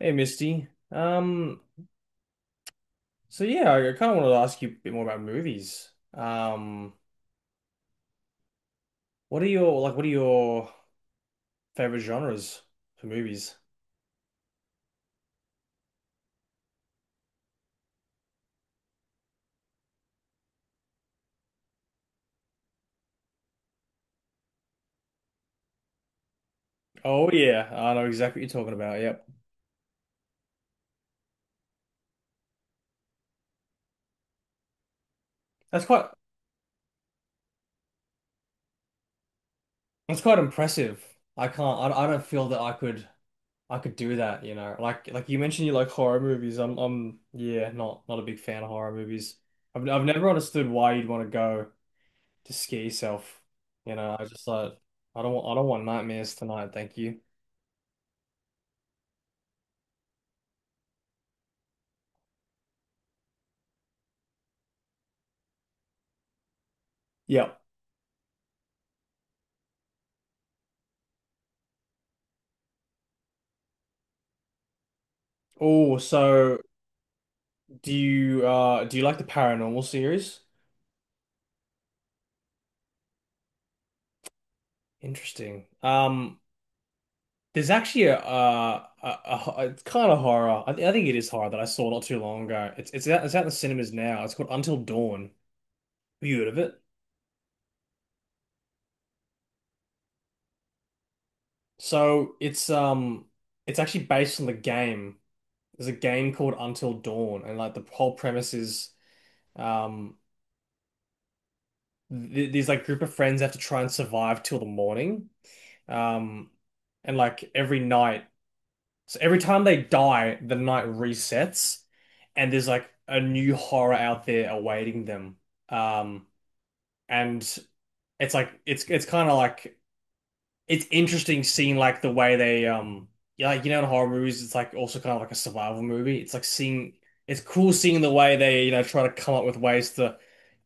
Hey Misty. So yeah, I kind of wanted to ask you a bit more about movies. What are your favorite genres for movies? Oh yeah, I know exactly what you're talking about. Yep. That's quite that's quite impressive. I don't feel that I could do that, you know. Like you mentioned you like horror movies. I'm yeah, not a big fan of horror movies. I've never understood why you'd want to go to scare yourself. You know, I just like I don't want nightmares tonight, thank you. Yeah. Oh, so do you like the paranormal series? Interesting. There's actually it's kind of horror. I think it is horror that I saw not too long ago. It's out in the cinemas now. It's called Until Dawn. Have you heard of it? So it's it's actually based on the game. There's a game called Until Dawn, and like the whole premise is um th these like group of friends have to try and survive till the morning. Um. And like every night, So every time they die, the night resets, and there's like a new horror out there awaiting them. Um, and it's like it's it's interesting seeing like the way they, in horror movies it's like also kind of like a survival movie. It's like seeing it's cool seeing the way they, you know, try to come up with ways to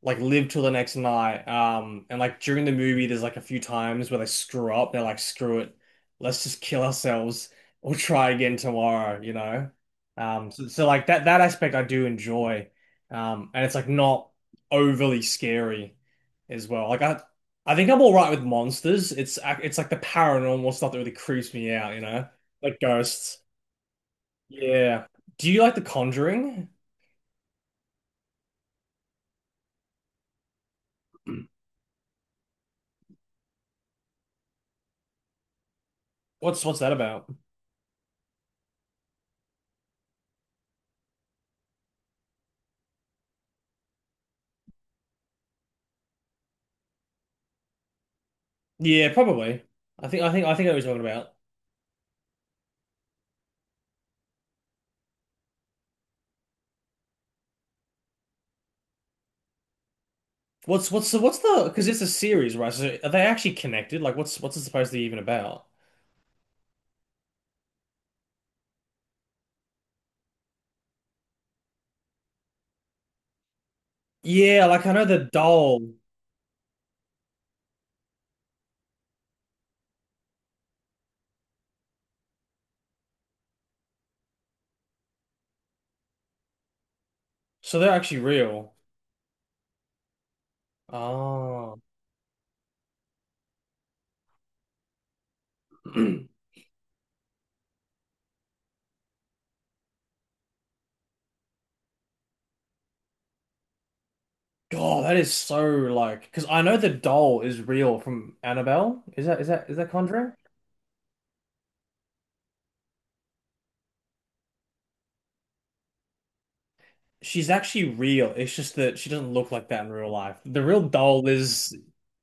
like live till the next night. Um and like during the movie there's like a few times where they screw up. They're like, screw it, let's just kill ourselves, we'll try again tomorrow, you know. So like that aspect I do enjoy, and it's like not overly scary as well. I think I'm all right with monsters. It's like the paranormal stuff that really creeps me out, you know, like ghosts. Yeah. Do you like The Conjuring? What's that about? Yeah, probably. I think I think I know what you're talking about. What's the, because it's a series, right? So are they actually connected? Like, what's it supposed to be even about? Yeah, like I know the doll, so they're actually real. Oh, God, that is so, like, because I know the doll is real from Annabelle. Is that, is that Conjuring? She's actually real. It's just that she doesn't look like that in real life. The real doll is,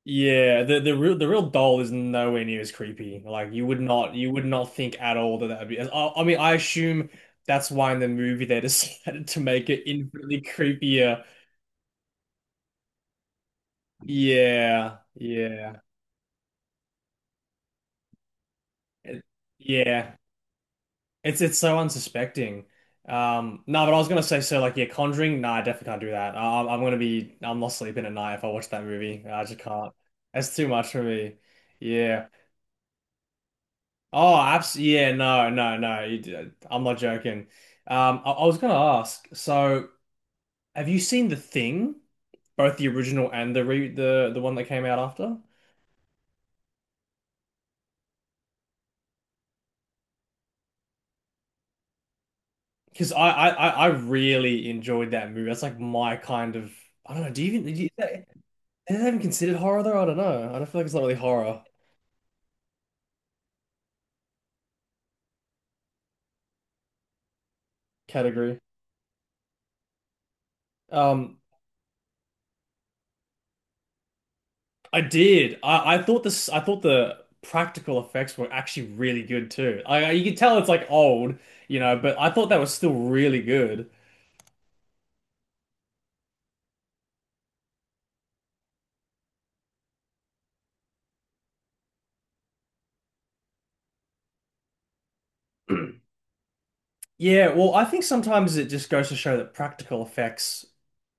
yeah, the real doll is nowhere near as creepy. Like you would not think at all that that would be. I mean, I assume that's why in the movie they decided to make it infinitely creepier. Yeah, yeah, It- yeah. It's so unsuspecting. No, but I was gonna say, so, like, yeah, Conjuring. Nah, I definitely can't do that. I'm gonna be I'm not sleeping at night if I watch that movie. I just can't. That's too much for me. Yeah. Oh, abs. Yeah. No. No. No. I'm not joking. I was gonna ask. So, have you seen The Thing, both the original and the one that came out after? Because I really enjoyed that movie. That's like my kind of, I don't know. Do you even do you, Is that even considered horror though? I don't know. I don't feel like it's not really horror category. Um, I did. I thought this. I thought the practical effects were actually really good too. I, you can tell it's like old, you know, but I thought that was still really good. Yeah. Well, I think sometimes it just goes to show that practical effects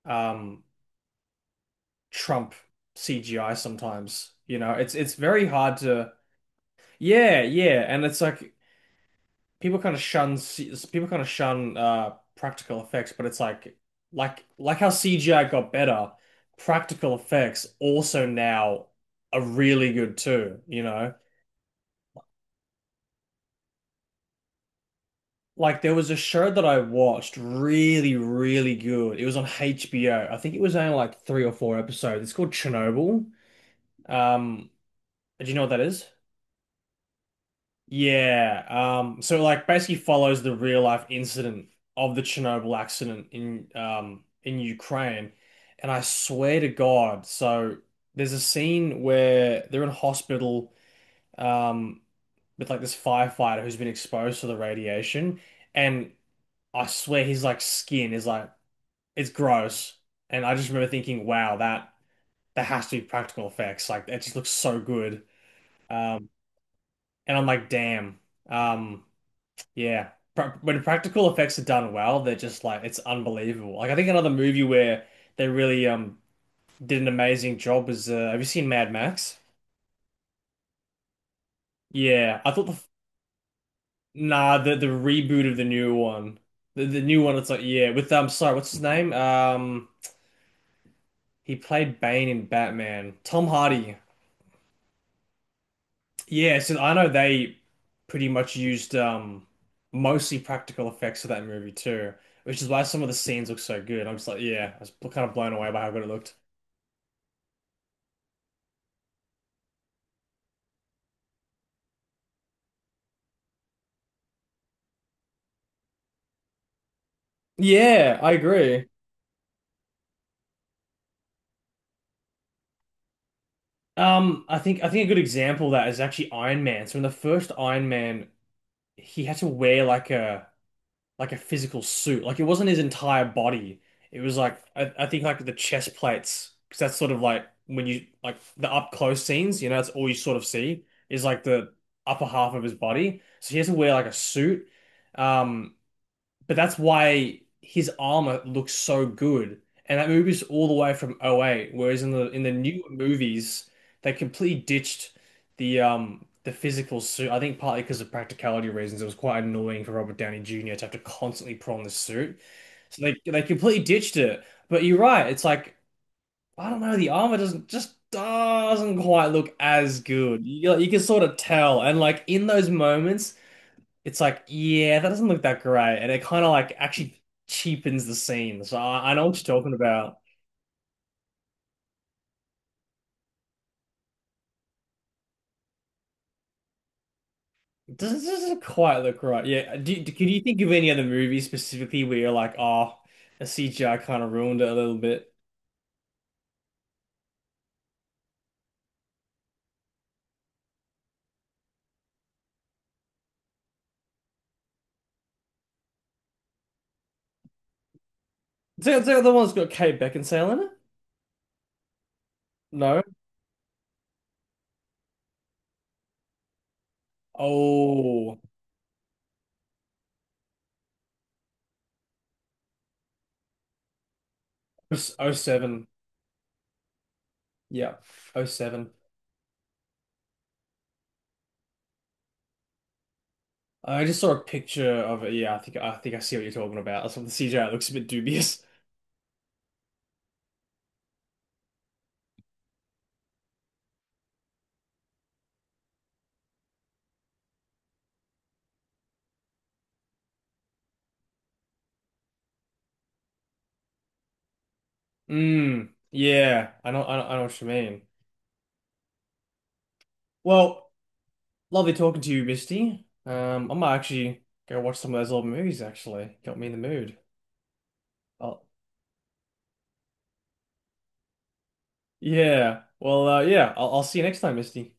um trump CGI sometimes. You know, it's very hard to. Yeah, yeah, and it's like people kind of shun practical effects, but it's like like how CGI got better, practical effects also now are really good too, you know? Like there was a show that I watched, really, really good. It was on HBO. I think it was only like three or four episodes. It's called Chernobyl. Um, do you know what that is? Yeah, so like basically follows the real life incident of the Chernobyl accident in Ukraine, and I swear to God, so there's a scene where they're in hospital um with like this firefighter who's been exposed to the radiation, and I swear his like skin is like it's gross, and I just remember thinking, wow, that has to be practical effects, like it just looks so good, um, and I'm like, damn, um. Yeah. Pra when practical effects are done well, they're just like it's unbelievable. Like I think another movie where they really did an amazing job was have you seen Mad Max? Yeah, I thought the nah the reboot of the new one, the new one. It's like, yeah, with sorry, what's his name, um, he played Bane in Batman. Tom Hardy. Yeah, so I know they pretty much used mostly practical effects for that movie too, which is why some of the scenes look so good. I'm just like, yeah, I was kind of blown away by how good it looked. Yeah, I agree. I think a good example of that is actually Iron Man. So in the first Iron Man, he had to wear like a physical suit. Like it wasn't his entire body. It was like I think like the chest plates, because that's sort of like when you like the up close scenes, you know, that's all you sort of see is like the upper half of his body. So he has to wear like a suit. Um, but that's why his armor looks so good. And that movie's all the way from '08. Whereas in the newer movies, they completely ditched the physical suit. I think partly because of practicality reasons, it was quite annoying for Robert Downey Jr. to have to constantly put on this suit. So they completely ditched it. But you're right, it's like, I don't know, the armor doesn't, just doesn't quite look as good. You can sort of tell, and like in those moments it's like, yeah, that doesn't look that great. And it kind of like actually cheapens the scene. So I know what you're talking about. It doesn't quite look right. Yeah. Can you think of any other movies specifically where you're like, oh, the CGI kind of ruined it a little bit? Is that the one that's got Kate Beckinsale in it? No. Oh, oh seven. Yeah, Oh seven. I just saw a picture of it. Yeah, I think I see what you're talking about. That's what the CGI looks a bit dubious. Mm, yeah, I know, I know what you mean. Well, lovely talking to you, Misty. I might actually go watch some of those old movies, actually. Got me in the mood. I'll, yeah. Well, yeah, I'll see you next time, Misty.